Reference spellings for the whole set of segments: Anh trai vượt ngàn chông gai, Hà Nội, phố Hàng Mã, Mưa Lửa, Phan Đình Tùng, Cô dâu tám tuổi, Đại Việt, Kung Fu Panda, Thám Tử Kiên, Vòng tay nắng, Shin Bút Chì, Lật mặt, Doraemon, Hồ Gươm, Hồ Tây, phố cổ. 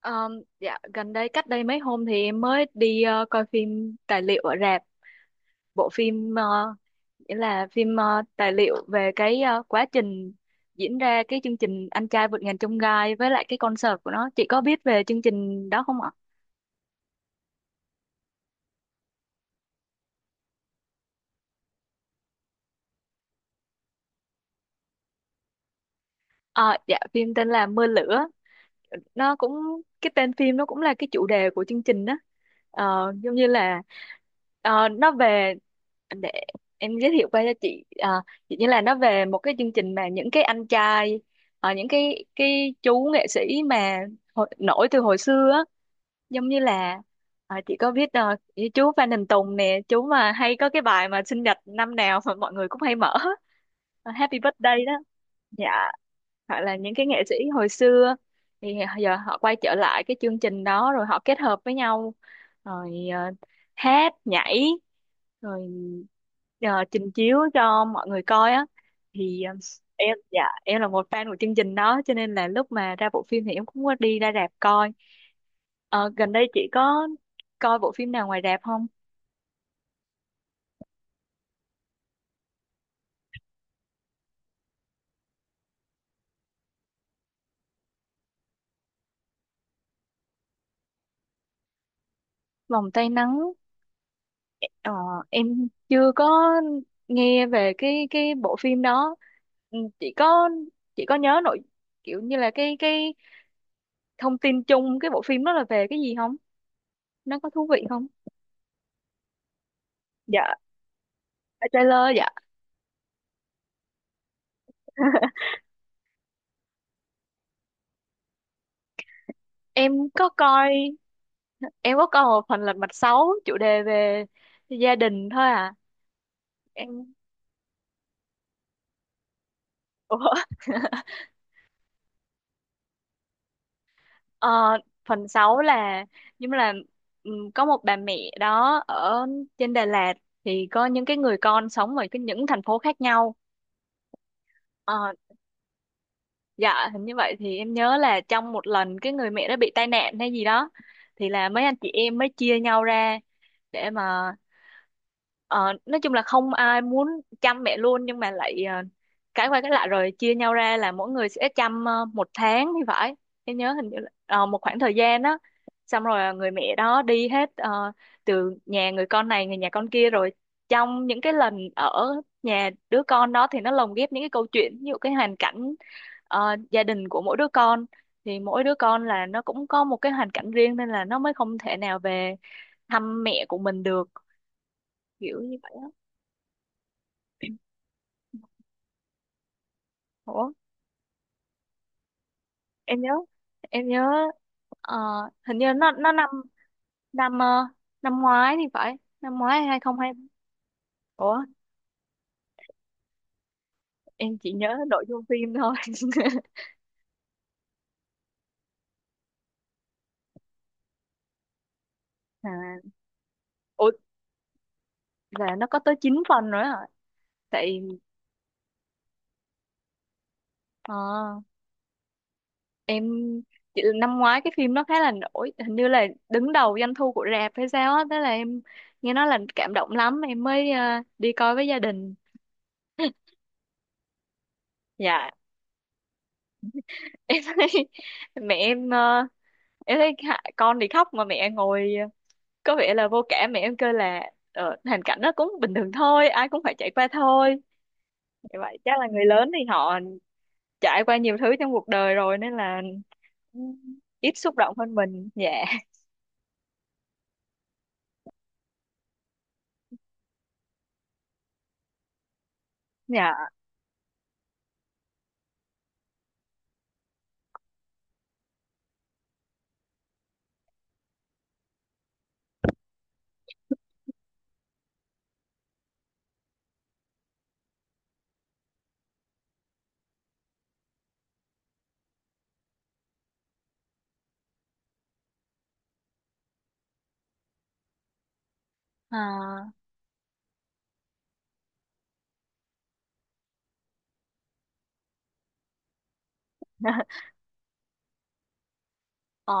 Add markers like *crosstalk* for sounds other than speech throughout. Ờ, dạ gần đây, cách đây mấy hôm thì em mới đi coi phim tài liệu ở rạp. Bộ phim nghĩa là phim tài liệu về cái quá trình diễn ra cái chương trình Anh Trai Vượt Ngàn Chông Gai với lại cái concert của nó. Chị có biết về chương trình đó không ạ? Ờ, dạ phim tên là Mưa Lửa, nó cũng cái tên phim nó cũng là cái chủ đề của chương trình đó. Giống như là nó về, để em giới thiệu qua cho chị. Ờ, Chỉ như là nó về một cái chương trình mà những cái anh trai, những cái chú nghệ sĩ mà nổi từ hồi xưa á, giống như là chị có biết như chú Phan Đình Tùng nè, chú mà hay có cái bài mà sinh nhật năm nào mà mọi người cũng hay mở, Happy Birthday đó. Dạ, hoặc là những cái nghệ sĩ hồi xưa thì giờ họ quay trở lại cái chương trình đó rồi họ kết hợp với nhau, rồi hát nhảy, rồi trình chiếu cho mọi người coi á. Thì em, dạ, em là một fan của chương trình đó cho nên là lúc mà ra bộ phim thì em cũng có đi ra rạp coi. Ờ, Gần đây chị có coi bộ phim nào ngoài rạp không? Vòng tay nắng. Ờ, em chưa có nghe về cái bộ phim đó. Ừ, chỉ có nhớ nội, kiểu như là cái thông tin chung cái bộ phim đó là về cái gì không, nó có thú vị không? Dạ, trailer dạ. *laughs* em có coi em có coi một phần Lật Mặt sáu, chủ đề về gia đình thôi à. Em. Ủa. *laughs* Ờ, Phần 6 là, nhưng mà là, có một bà mẹ đó ở trên Đà Lạt thì có những cái người con sống ở cái những thành phố khác nhau. Ờ, dạ hình như vậy. Thì em nhớ là trong một lần cái người mẹ đó bị tai nạn hay gì đó, thì là mấy anh chị em mới chia nhau ra để mà, Ờ, nói chung là không ai muốn chăm mẹ luôn, nhưng mà lại cái qua cái lại rồi chia nhau ra là mỗi người sẽ chăm một tháng thì phải. Em nhớ hình như là một khoảng thời gian đó, xong rồi người mẹ đó đi hết, từ nhà người con này người nhà con kia. Rồi trong những cái lần ở nhà đứa con đó thì nó lồng ghép những cái câu chuyện, ví dụ cái hoàn cảnh gia đình của mỗi đứa con, thì mỗi đứa con là nó cũng có một cái hoàn cảnh riêng nên là nó mới không thể nào về thăm mẹ của mình được, kiểu như vậy á. Ủa, em nhớ em nhớ ờ, hình như nó năm, năm năm ngoái thì phải, năm ngoái hai không hai, ủa, em chỉ nhớ nội dung phim thôi. *laughs* À, ủa, là nó có tới 9 phần nữa hả? Tại ờ, em, chị, năm ngoái cái phim nó khá là nổi, hình như là đứng đầu doanh thu của rạp hay sao á, thế là em nghe nói là cảm động lắm em mới đi coi với gia đình. *laughs* Dạ em thấy. *laughs* Mẹ em em thấy con thì khóc mà mẹ ngồi có vẻ là vô cảm. Mẹ em kêu là hoàn cảnh nó cũng bình thường thôi, ai cũng phải trải qua thôi. Như vậy chắc là người lớn thì họ trải qua nhiều thứ trong cuộc đời rồi nên là ít xúc động hơn mình. Dạ. Dạ. À, *laughs* ờ,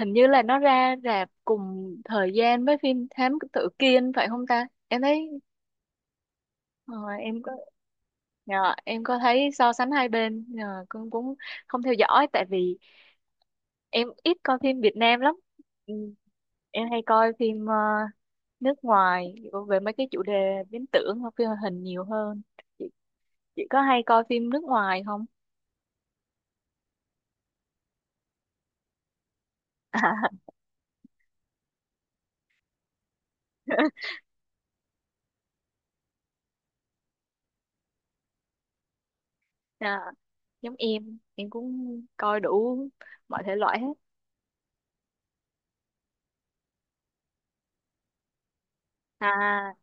hình như là nó ra rạp cùng thời gian với phim Thám Tử Kiên phải không ta, em thấy ờ, em có. Dạ, em có thấy so sánh hai bên con cũng không theo dõi, tại vì em ít coi phim Việt Nam lắm. Ừ. Em hay coi phim nước ngoài, về mấy cái chủ đề viễn tưởng hoặc phim hoạt hình nhiều hơn. chị, chị có hay coi phim nước ngoài không? *laughs* À, giống em cũng coi đủ mọi thể loại hết. À.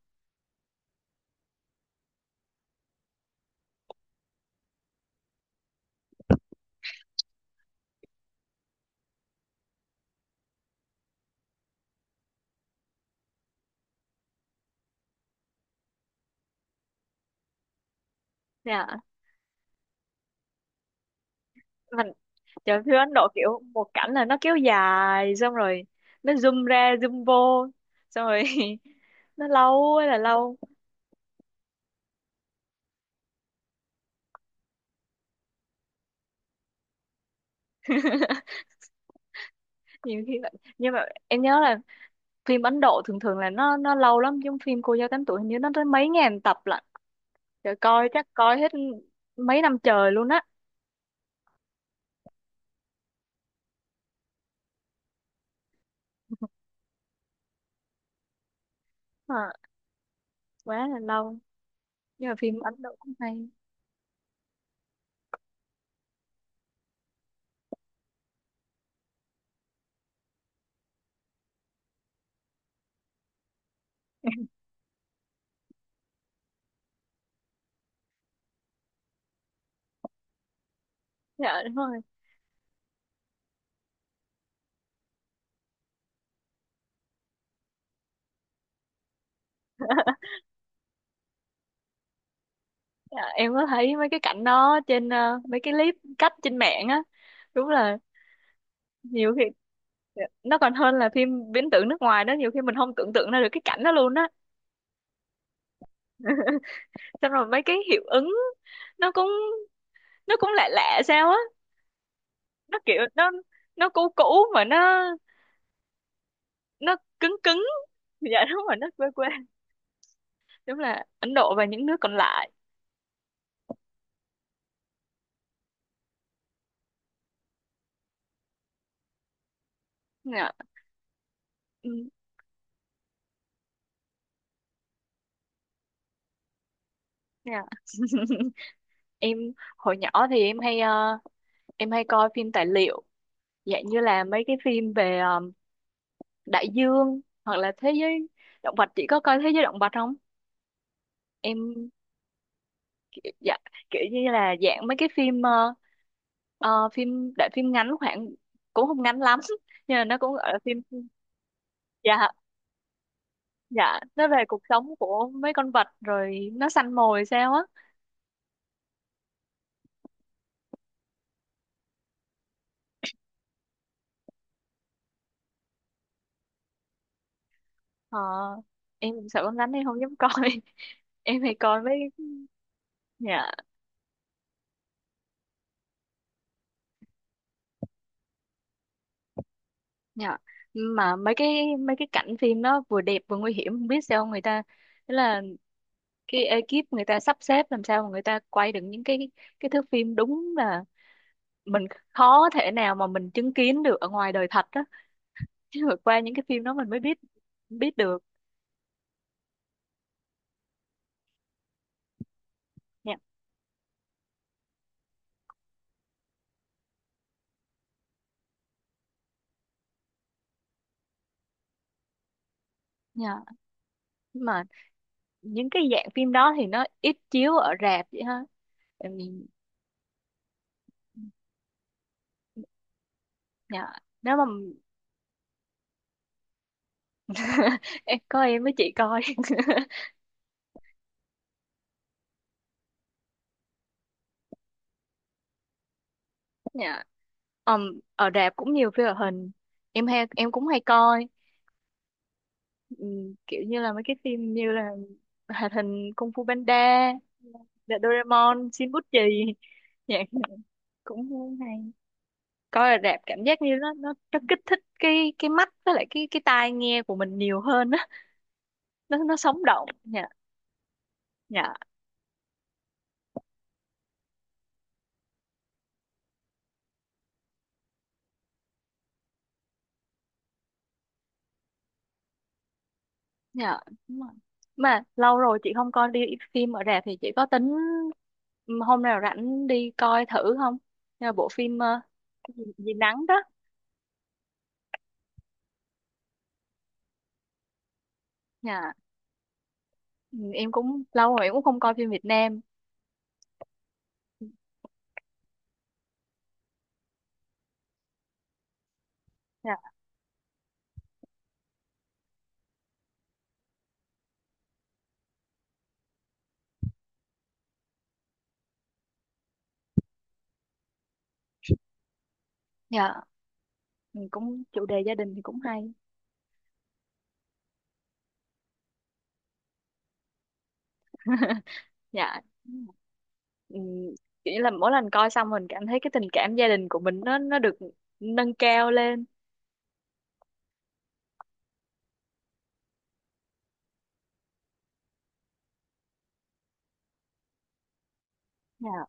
Dạ. Mình. Trời, phim Ấn Độ kiểu một cảnh là nó kéo dài, xong rồi nó zoom ra zoom vô, xong rồi, *laughs* nó lâu ơi là lâu. Nhiều khi là-, nhưng mà em nhớ là phim Ấn Độ thường thường là nó lâu lắm, giống phim Cô Dâu Tám Tuổi, hình như nó tới mấy ngàn tập lận, trời coi chắc coi hết mấy năm trời luôn á. À, quá là lâu, nhưng mà phim Ấn Độ cũng hay. Dạ đúng rồi. Dạ, em có thấy mấy cái cảnh đó trên mấy cái clip cắt trên mạng á, đúng là nhiều khi. Dạ, nó còn hơn là phim viễn tưởng nước ngoài đó, nhiều khi mình không tưởng tượng ra được cái cảnh đó luôn á. Xong rồi mấy cái hiệu ứng nó cũng nó cũng lạ lạ sao á, nó kiểu nó cũ cũ, mà nó cứng cứng. Dạ đúng rồi, đất quê quê, đúng là Ấn Độ và những nước còn lại. Dạ. Ừ, dạ. *laughs* Em hồi nhỏ thì em hay em hay coi phim tài liệu, dạng như là mấy cái phim về đại dương hoặc là thế giới động vật. Chị có coi thế giới động vật không? Em. Dạ. Kiểu như là dạng mấy cái phim phim đại, phim ngắn khoảng, cũng không ngắn lắm *laughs* nhưng mà nó cũng gọi là phim. Dạ. Dạ, nó về cuộc sống của mấy con vật rồi nó săn mồi sao á. Ờ, em cũng sợ con rắn nên không dám coi. *laughs* Em hay coi mấy. Dạ. Dạ. Mà mấy cái cảnh phim nó vừa đẹp vừa nguy hiểm, không biết sao người ta, tức là cái ekip người ta sắp xếp làm sao mà người ta quay được những cái thước phim, đúng là mình khó thể nào mà mình chứng kiến được ở ngoài đời thật đó. *laughs* Chứ vượt qua những cái phim đó mình mới biết, biết được. Dạ. Dạ, mà những cái dạng phim đó thì nó ít chiếu ở rạp vậy ha. Tại vì-. Dạ. Nếu mà *laughs* em có em với chị coi. *laughs* Dạ. Ờm, ở rạp cũng nhiều phim hoạt hình, em hay em cũng hay coi. Kiểu như là mấy cái phim như là hoạt hình Kung Fu Panda, The Doraemon, Shin Bút Chì. Dạ cũng hay. Coi ở rạp cảm giác như nó kích thích cái mắt với lại cái tai nghe của mình nhiều hơn á, nó sống động. Dạ. Dạ. Dạ, đúng rồi. Mà lâu rồi chị không coi đi phim ở rạp, thì chị có tính, ừ, hôm nào rảnh đi coi thử không? Nhà bộ phim cái gì, gì nắng đó. Dạ, ừ, em cũng lâu rồi em cũng không coi phim Việt Nam. Dạ. Dạ, ừ, cũng chủ đề gia đình thì cũng hay. *laughs* Dạ. Ừ, kiểu như là mỗi lần coi xong mình cảm thấy cái tình cảm gia đình của mình nó được nâng cao lên. Dạ.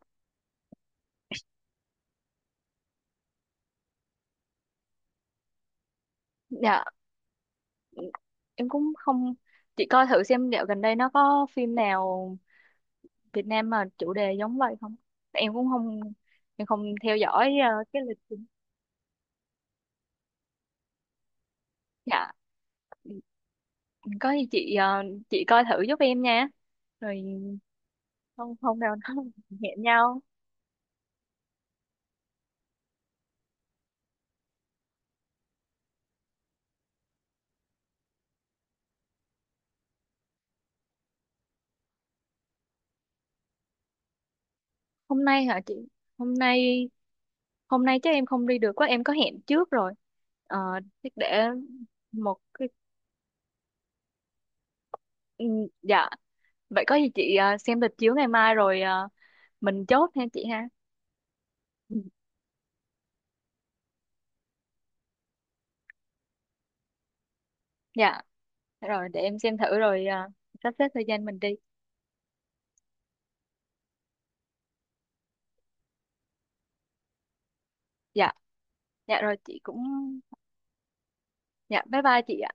Dạ, em cũng không, chị coi thử xem dạo gần đây nó có phim nào Việt Nam mà chủ đề giống vậy không. Em cũng không, em không theo dõi cái lịch trình. Dạ có gì chị chị coi thử giúp em nha. Rồi, không không nào nó *laughs* hẹn nhau. Hôm nay hả chị? Hôm nay, hôm nay chắc em không đi được quá, em có hẹn trước rồi ờ, chắc để một cái, ừ, dạ. Vậy có gì chị xem lịch chiếu ngày mai rồi mình chốt ha chị ha. Ừ. Dạ rồi để em xem thử rồi sắp xếp thời gian mình đi. Dạ. Dạ rồi chị cũng. Dạ bye bye chị ạ.